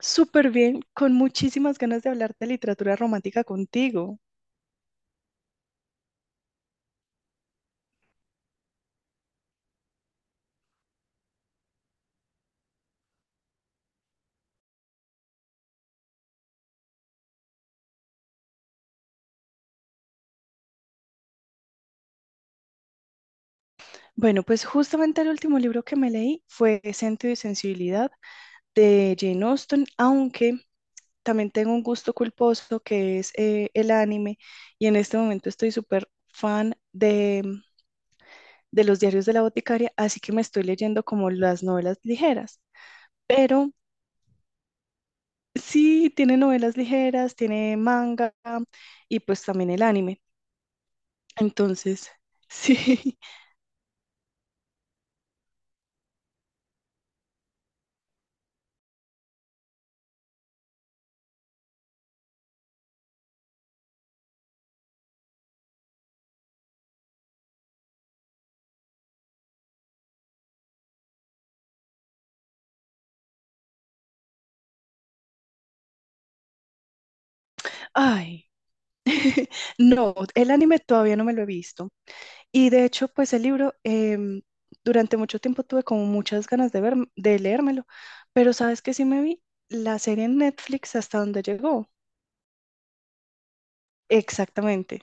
Súper bien, con muchísimas ganas de hablar de literatura romántica contigo. Bueno, pues justamente el último libro que me leí fue Sentido y Sensibilidad de Jane Austen, aunque también tengo un gusto culposo que es el anime, y en este momento estoy súper fan de los diarios de la boticaria, así que me estoy leyendo como las novelas ligeras. Pero sí, tiene novelas ligeras, tiene manga y pues también el anime. Entonces, sí. Ay. No, el anime todavía no me lo he visto. Y de hecho, pues el libro, durante mucho tiempo tuve como muchas ganas de ver, de leérmelo, pero sabes que sí me vi la serie en Netflix hasta donde llegó. Exactamente.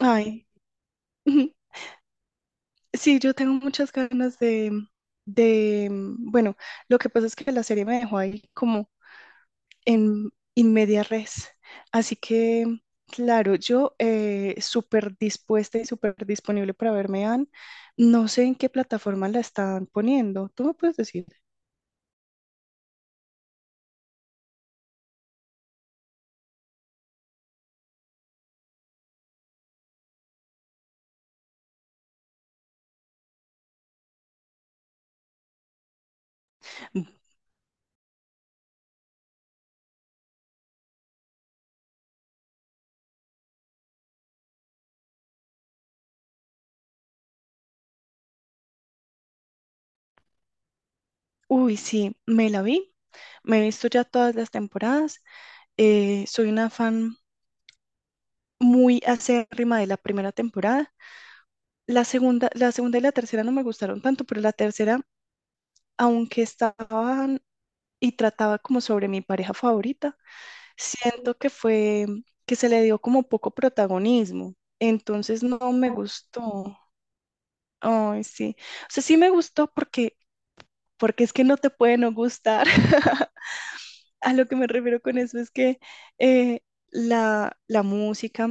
Ay, sí, yo tengo muchas ganas de, bueno, lo que pasa es que la serie me dejó ahí como en media res. Así que, claro, yo súper dispuesta y súper disponible para verme, Anne. No sé en qué plataforma la están poniendo. ¿Tú me puedes decir? Mm, uy, sí, me la vi. Me he visto ya todas las temporadas. Soy una fan muy acérrima de la primera temporada. La segunda y la tercera no me gustaron tanto, pero la tercera, aunque estaban y trataba como sobre mi pareja favorita, siento que fue que se le dio como poco protagonismo. Entonces no me gustó. Ay, sí. O sea, sí me gustó porque es que no te puede no gustar. A lo que me refiero con eso es que eh, la música,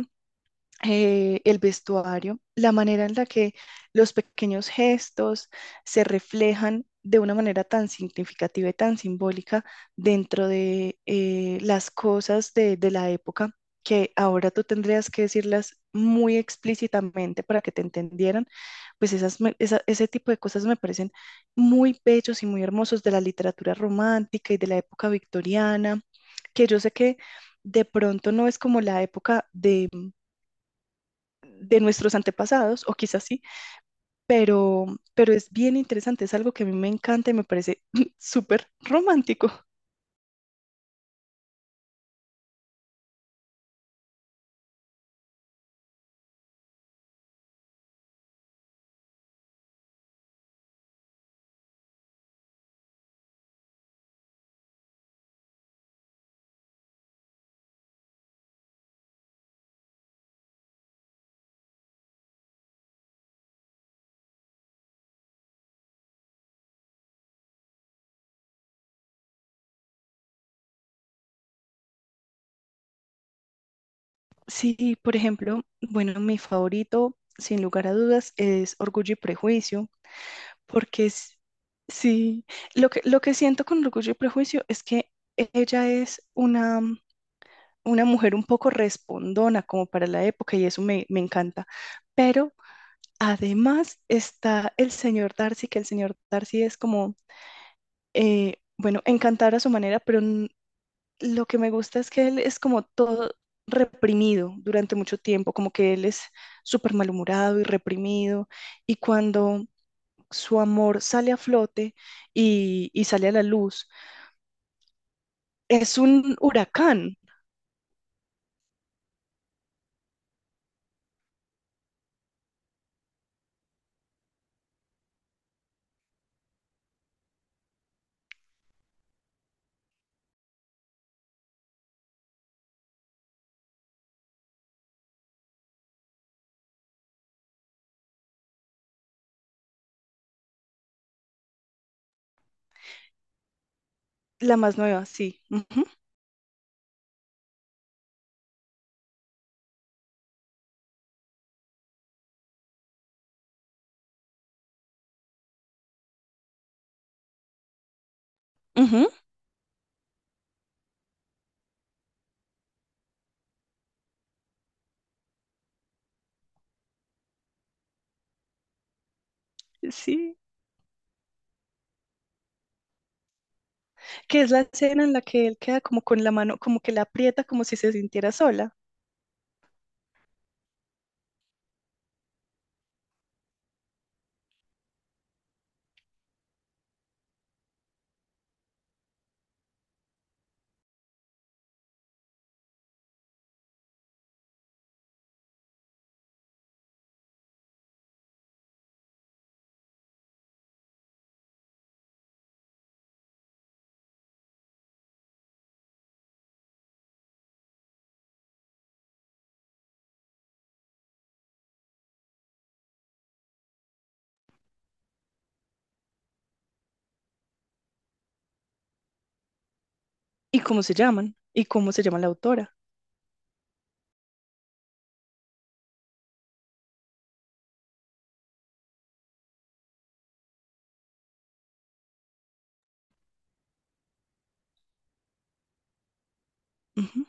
el vestuario, la manera en la que los pequeños gestos se reflejan de una manera tan significativa y tan simbólica dentro de las cosas de la época, que ahora tú tendrías que decirlas muy explícitamente para que te entendieran. Pues ese tipo de cosas me parecen muy bellos y muy hermosos de la literatura romántica y de la época victoriana, que yo sé que de pronto no es como la época de nuestros antepasados, o quizás sí, pero, pero es bien interesante, es algo que a mí me encanta y me parece súper romántico. Sí, por ejemplo, bueno, mi favorito, sin lugar a dudas, es Orgullo y Prejuicio, porque es, sí, lo que siento con Orgullo y Prejuicio es que ella es una mujer un poco respondona como para la época, y eso me encanta, pero... Además está el señor Darcy, que el señor Darcy es como bueno, encantar a su manera, lo que me gusta es que él es como todo reprimido durante mucho tiempo, como que él es súper malhumorado y reprimido, y cuando su amor sale a flote y sale a la luz, es un huracán. La más nueva, sí. Ujú, ujú. Sí, que es la escena en la que él queda como con la mano, como que la aprieta como si se sintiera sola. ¿Y cómo se llaman? ¿Y cómo se llama la autora? Ujú.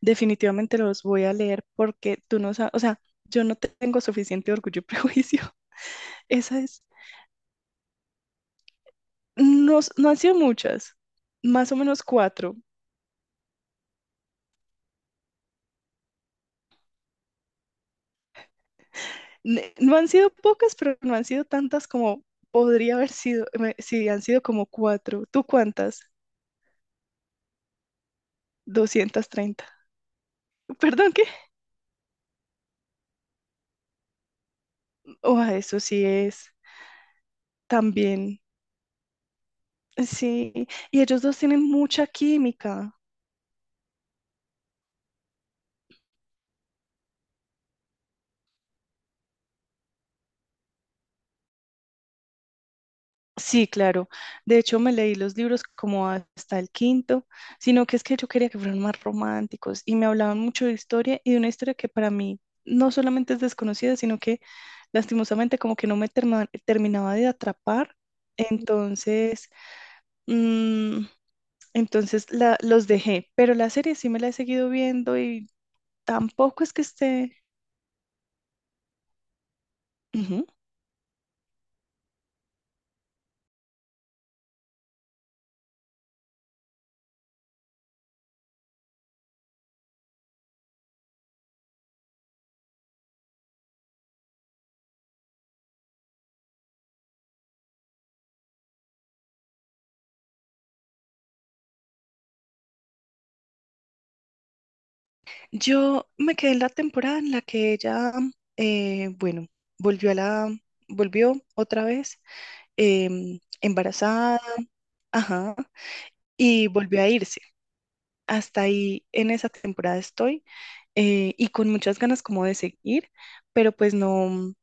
Definitivamente los voy a leer porque tú no sabes, o sea, yo no tengo suficiente orgullo y prejuicio. Esa es, no, no han sido muchas, más o menos cuatro. No han sido pocas, pero no han sido tantas como podría haber sido, sí, han sido como cuatro. ¿Tú cuántas? 230. Perdón. Oh, eso sí es también. Sí, y ellos dos tienen mucha química. Sí, claro. De hecho, me leí los libros como hasta el quinto, sino que es que yo quería que fueran más románticos y me hablaban mucho de historia y de una historia que para mí no solamente es desconocida, sino que lastimosamente como que no me terminaba de atrapar. Entonces, mm, entonces los dejé, pero la serie sí me la he seguido viendo y tampoco es que esté... Yo me quedé en la temporada en la que ella, bueno, volvió a la, volvió otra vez embarazada, ajá, y volvió a irse. Hasta ahí en esa temporada estoy, y con muchas ganas como de seguir, pero pues no,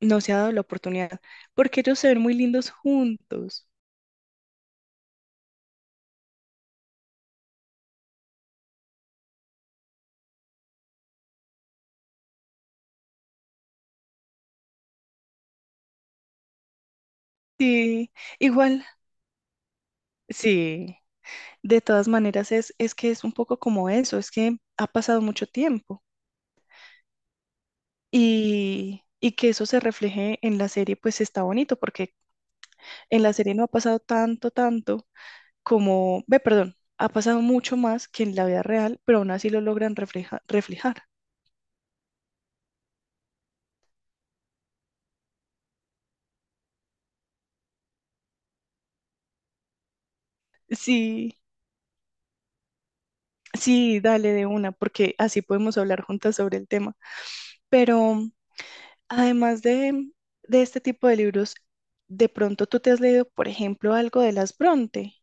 no se ha dado la oportunidad porque ellos se ven muy lindos juntos. Sí, igual, sí. De todas maneras es, que es un poco como eso, es que ha pasado mucho tiempo. Y que eso se refleje en la serie, pues está bonito, porque en la serie no ha pasado tanto, tanto como, ve, perdón, ha pasado mucho más que en la vida real, pero aún así lo logran reflejar. Sí, sí, dale de una, porque así podemos hablar juntas sobre el tema. Pero además de este tipo de libros, de pronto tú te has leído, por ejemplo, algo de las Bronte.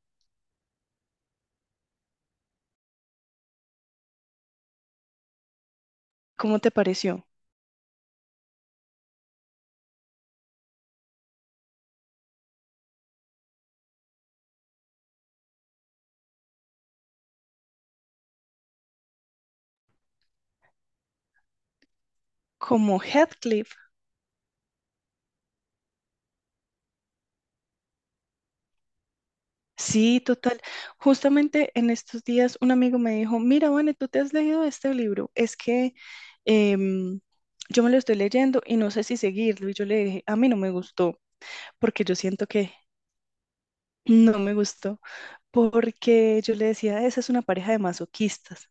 ¿Cómo te pareció? Como Heathcliff. Sí, total. Justamente en estos días un amigo me dijo, mira, Vane, ¿tú te has leído este libro? Es que em, yo me lo estoy leyendo y no sé si seguirlo. Y yo le dije, a mí no me gustó, porque yo siento que no me gustó, porque yo le decía, esa es una pareja de masoquistas.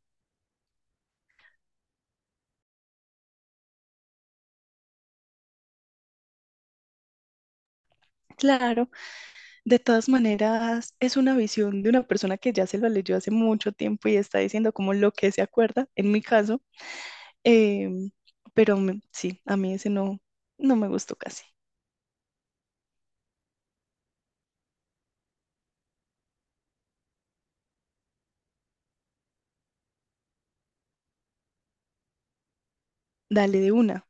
Claro, de todas maneras, es una visión de una persona que ya se lo leyó hace mucho tiempo y está diciendo como lo que se acuerda, en mi caso. em, pero sí, a mí ese no, no me gustó casi. Dale de una.